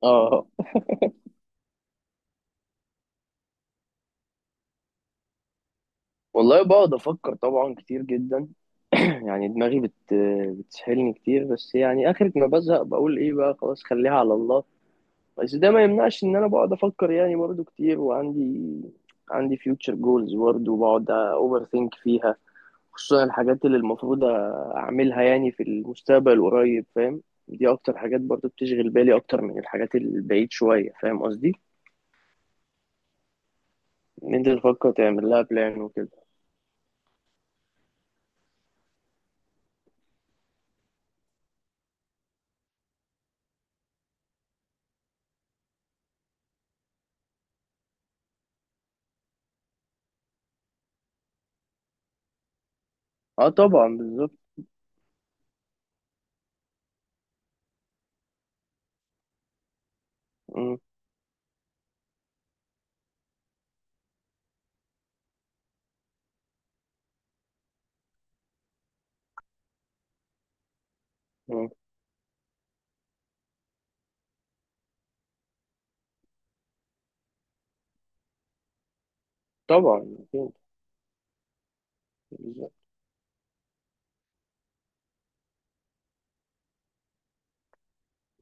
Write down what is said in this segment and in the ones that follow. اه، والله بقعد افكر طبعا كتير جدا. يعني دماغي بتسحلني كتير، بس يعني اخر ما بزهق بقول ايه بقى خلاص خليها على الله. بس ده ما يمنعش ان انا بقعد افكر يعني برضو كتير، وعندي future goals برضو بقعد اوفر ثينك فيها، خصوصا الحاجات اللي المفروض اعملها يعني في المستقبل القريب، فاهم؟ دي اكتر حاجات برضو بتشغل بالي اكتر من الحاجات البعيد شوية، فاهم قصدي؟ ان انت تفكر تعمل لها بلان وكده. اه طبعا بالظبط. م- م. طبعا أكيد. بالظبط.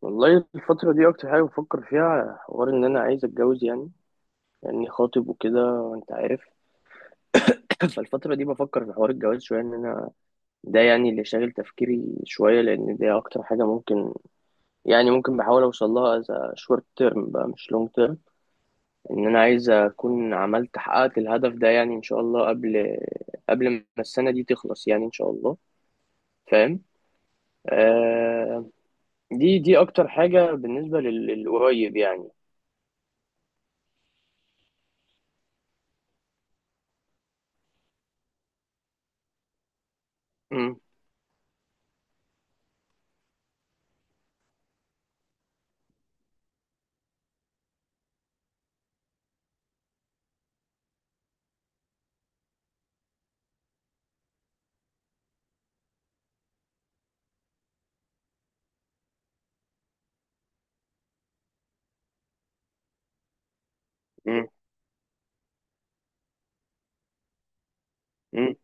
والله الفترة دي أكتر حاجة بفكر فيها حوار إن أنا عايز أتجوز يعني، لأني خاطب وكده أنت عارف. فالفترة دي بفكر في حوار الجواز شوية إن أنا، ده يعني اللي شاغل تفكيري شوية، لأن دي أكتر حاجة ممكن يعني ممكن بحاول أوصل لها، شورت تيرم بقى مش لونج تيرم. إن أنا عايز أكون عملت حققت الهدف ده، يعني إن شاء الله قبل ما السنة دي تخلص، يعني إن شاء الله. فاهم. آه دي أكتر حاجة بالنسبة للقريب يعني. مم. مم.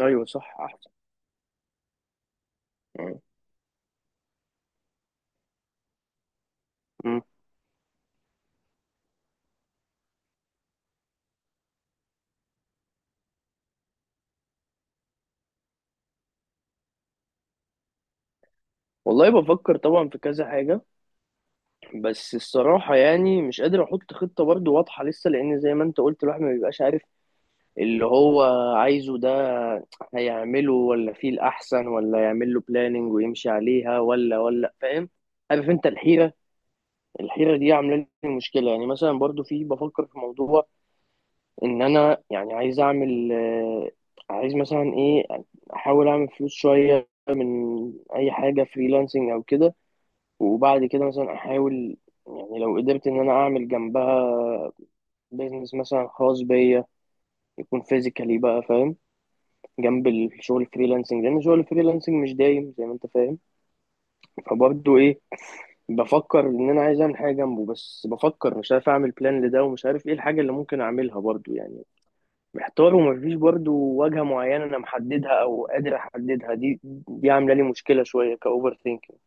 ايوه صح، احسن. مم. مم. والله بفكر طبعا في كذا حاجه، بس الصراحه يعني مش قادر احط خطه برضو واضحه لسه، لان زي ما انت قلت الواحد ما بيبقاش عارف اللي هو عايزه ده هيعمله ولا فيه الاحسن، ولا يعمل له بلاننج ويمشي عليها، ولا فاهم؟ عارف انت الحيره دي عامله لي مشكله. يعني مثلا برضو في بفكر في موضوع ان انا يعني عايز اعمل، عايز مثلا ايه، احاول اعمل فلوس شويه من اي حاجه فريلانسنج او كده، وبعد كده مثلا احاول، يعني لو قدرت ان انا اعمل جنبها بيزنس مثلا خاص بيا، يكون فيزيكالي بقى فاهم، جنب الشغل الفريلانسنج لان شغل الفريلانسنج مش دايم زي ما انت فاهم. فبرضه ايه، بفكر ان انا عايز اعمل حاجه جنبه، بس بفكر مش عارف اعمل بلان لده، ومش عارف ايه الحاجه اللي ممكن اعملها برضه يعني. محتار، ومفيش برضو واجهة معينة أنا محددها أو قادر أحددها. دي عاملة لي مشكلة شوية كأوفر ثينكينج.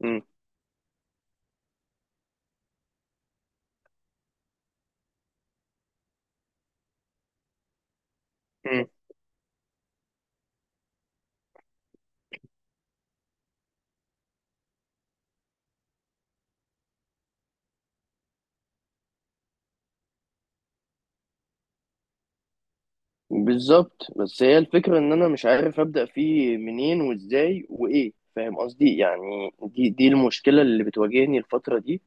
مم. مم. بالظبط. بس هي الفكرة إن أنا مش عارف أبدأ فيه منين وإزاي وإيه، فاهم قصدي؟ يعني دي المشكلة اللي بتواجهني الفترة دي.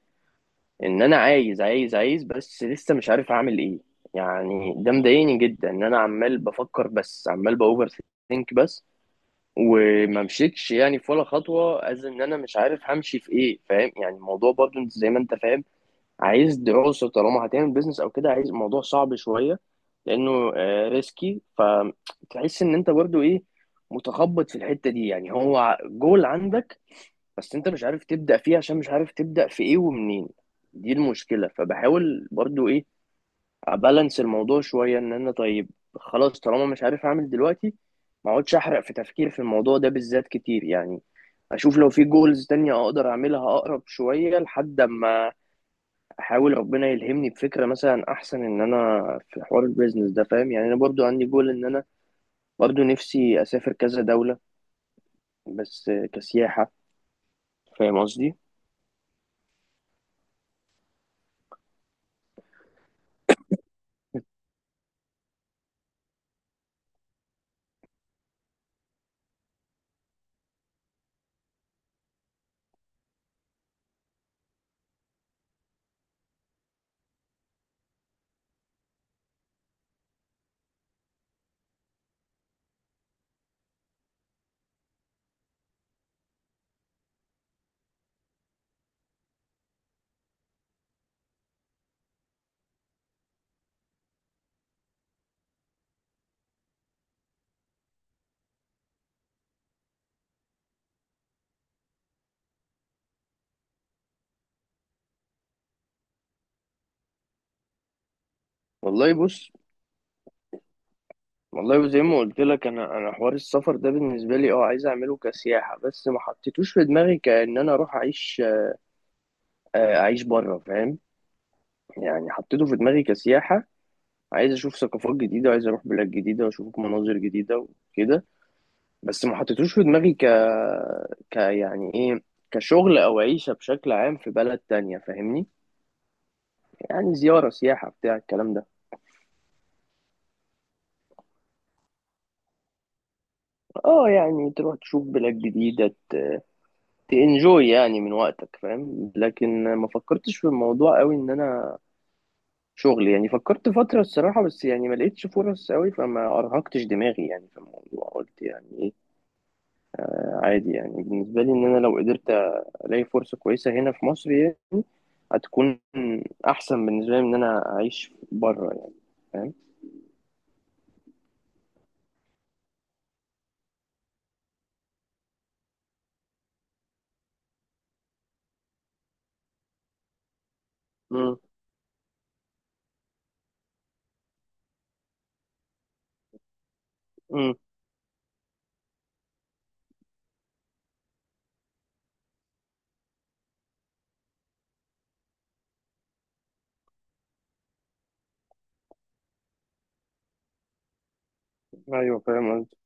إن أنا عايز، بس لسه مش عارف أعمل إيه. يعني ده مضايقني جدا إن أنا عمال بفكر، بس عمال بأوفر ثينك بس، وما مشيتش يعني في ولا خطوة. ان انا مش عارف همشي في ايه، فاهم؟ يعني الموضوع برضو انت زي ما انت فاهم، عايز دراسة طالما هتعمل بيزنس او كده، عايز الموضوع صعب شوية لانه ريسكي. فتحس ان انت برضو ايه، متخبط في الحتة دي. يعني هو جول عندك بس انت مش عارف تبدأ فيه عشان مش عارف تبدأ في ايه ومنين. دي المشكلة. فبحاول برضو ابالانس الموضوع شويه، ان انا طيب خلاص طالما مش عارف اعمل دلوقتي، ما اقعدش احرق في تفكير في الموضوع ده بالذات كتير يعني. اشوف لو في جولز تانية اقدر اعملها اقرب شويه، لحد اما احاول ربنا يلهمني بفكره مثلا احسن، ان انا في حوار البيزنس ده فاهم. يعني انا برضو عندي جول ان انا برضو نفسي اسافر كذا دوله، بس كسياحه، فاهم قصدي؟ والله بص. والله زي ما قلت لك انا، حوار السفر ده بالنسبه لي اه عايز اعمله كسياحه، بس ما حطيتوش في دماغي كأن انا اروح اعيش، اعيش بره، فاهم؟ يعني حطيته في دماغي كسياحه، عايز اشوف ثقافات جديده وعايز اروح بلاد جديده واشوف مناظر جديده وكده. بس ما حطيتوش في دماغي يعني ايه، كشغل او عيشه بشكل عام في بلد تانية، فاهمني؟ يعني زياره سياحه بتاع الكلام ده. اه يعني تروح تشوف بلاد جديده، تنجوي يعني من وقتك، فاهم؟ لكن ما فكرتش في الموضوع قوي ان انا شغل يعني. فكرت فترة الصراحة، بس يعني ما لقيتش فرص قوي فما ارهقتش دماغي يعني في الموضوع. قلت يعني ايه عادي يعني، بالنسبة لي ان انا لو قدرت الاقي فرصة كويسة هنا في مصر يعني، هتكون احسن بالنسبة لي من ان انا اعيش بره يعني، فاهم؟ امم. ايوه فاهم قصدي.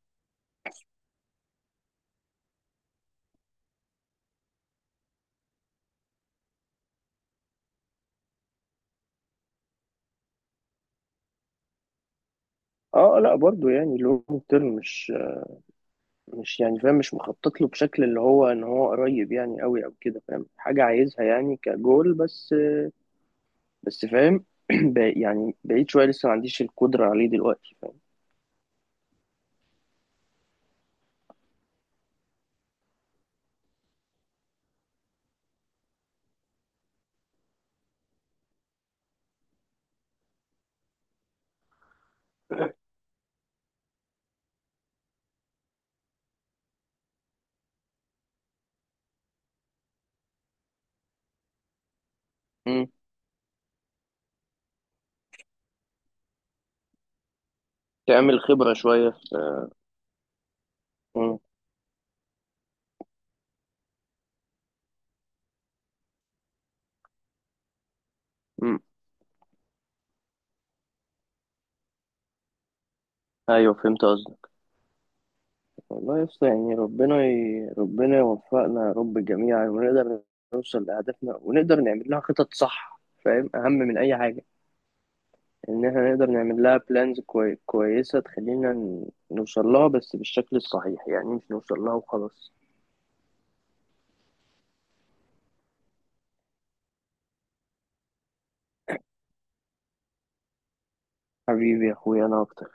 اه لا برضو يعني لونج تيرم، مش يعني فاهم مش مخطط له بشكل اللي هو ان هو قريب يعني قوي او كده، فاهم. حاجه عايزها يعني كجول بس، فاهم. يعني بعيد شويه، لسه ما عنديش القدره عليه دلوقتي، فاهم. مم. تعمل خبره شويه في. مم. مم. ايوه فهمت قصدك. والله يا اسطى يعني ربنا يوفقنا يا رب جميعا، ونقدر نوصل لاهدافنا، ونقدر نعمل لها خطط صح فاهم، اهم من اي حاجه. ان احنا نقدر نعمل لها بلانز كويسة تخلينا نوصل لها، بس بالشكل الصحيح يعني، مش نوصل لها وخلاص. حبيبي يا اخويا، انا اكتر.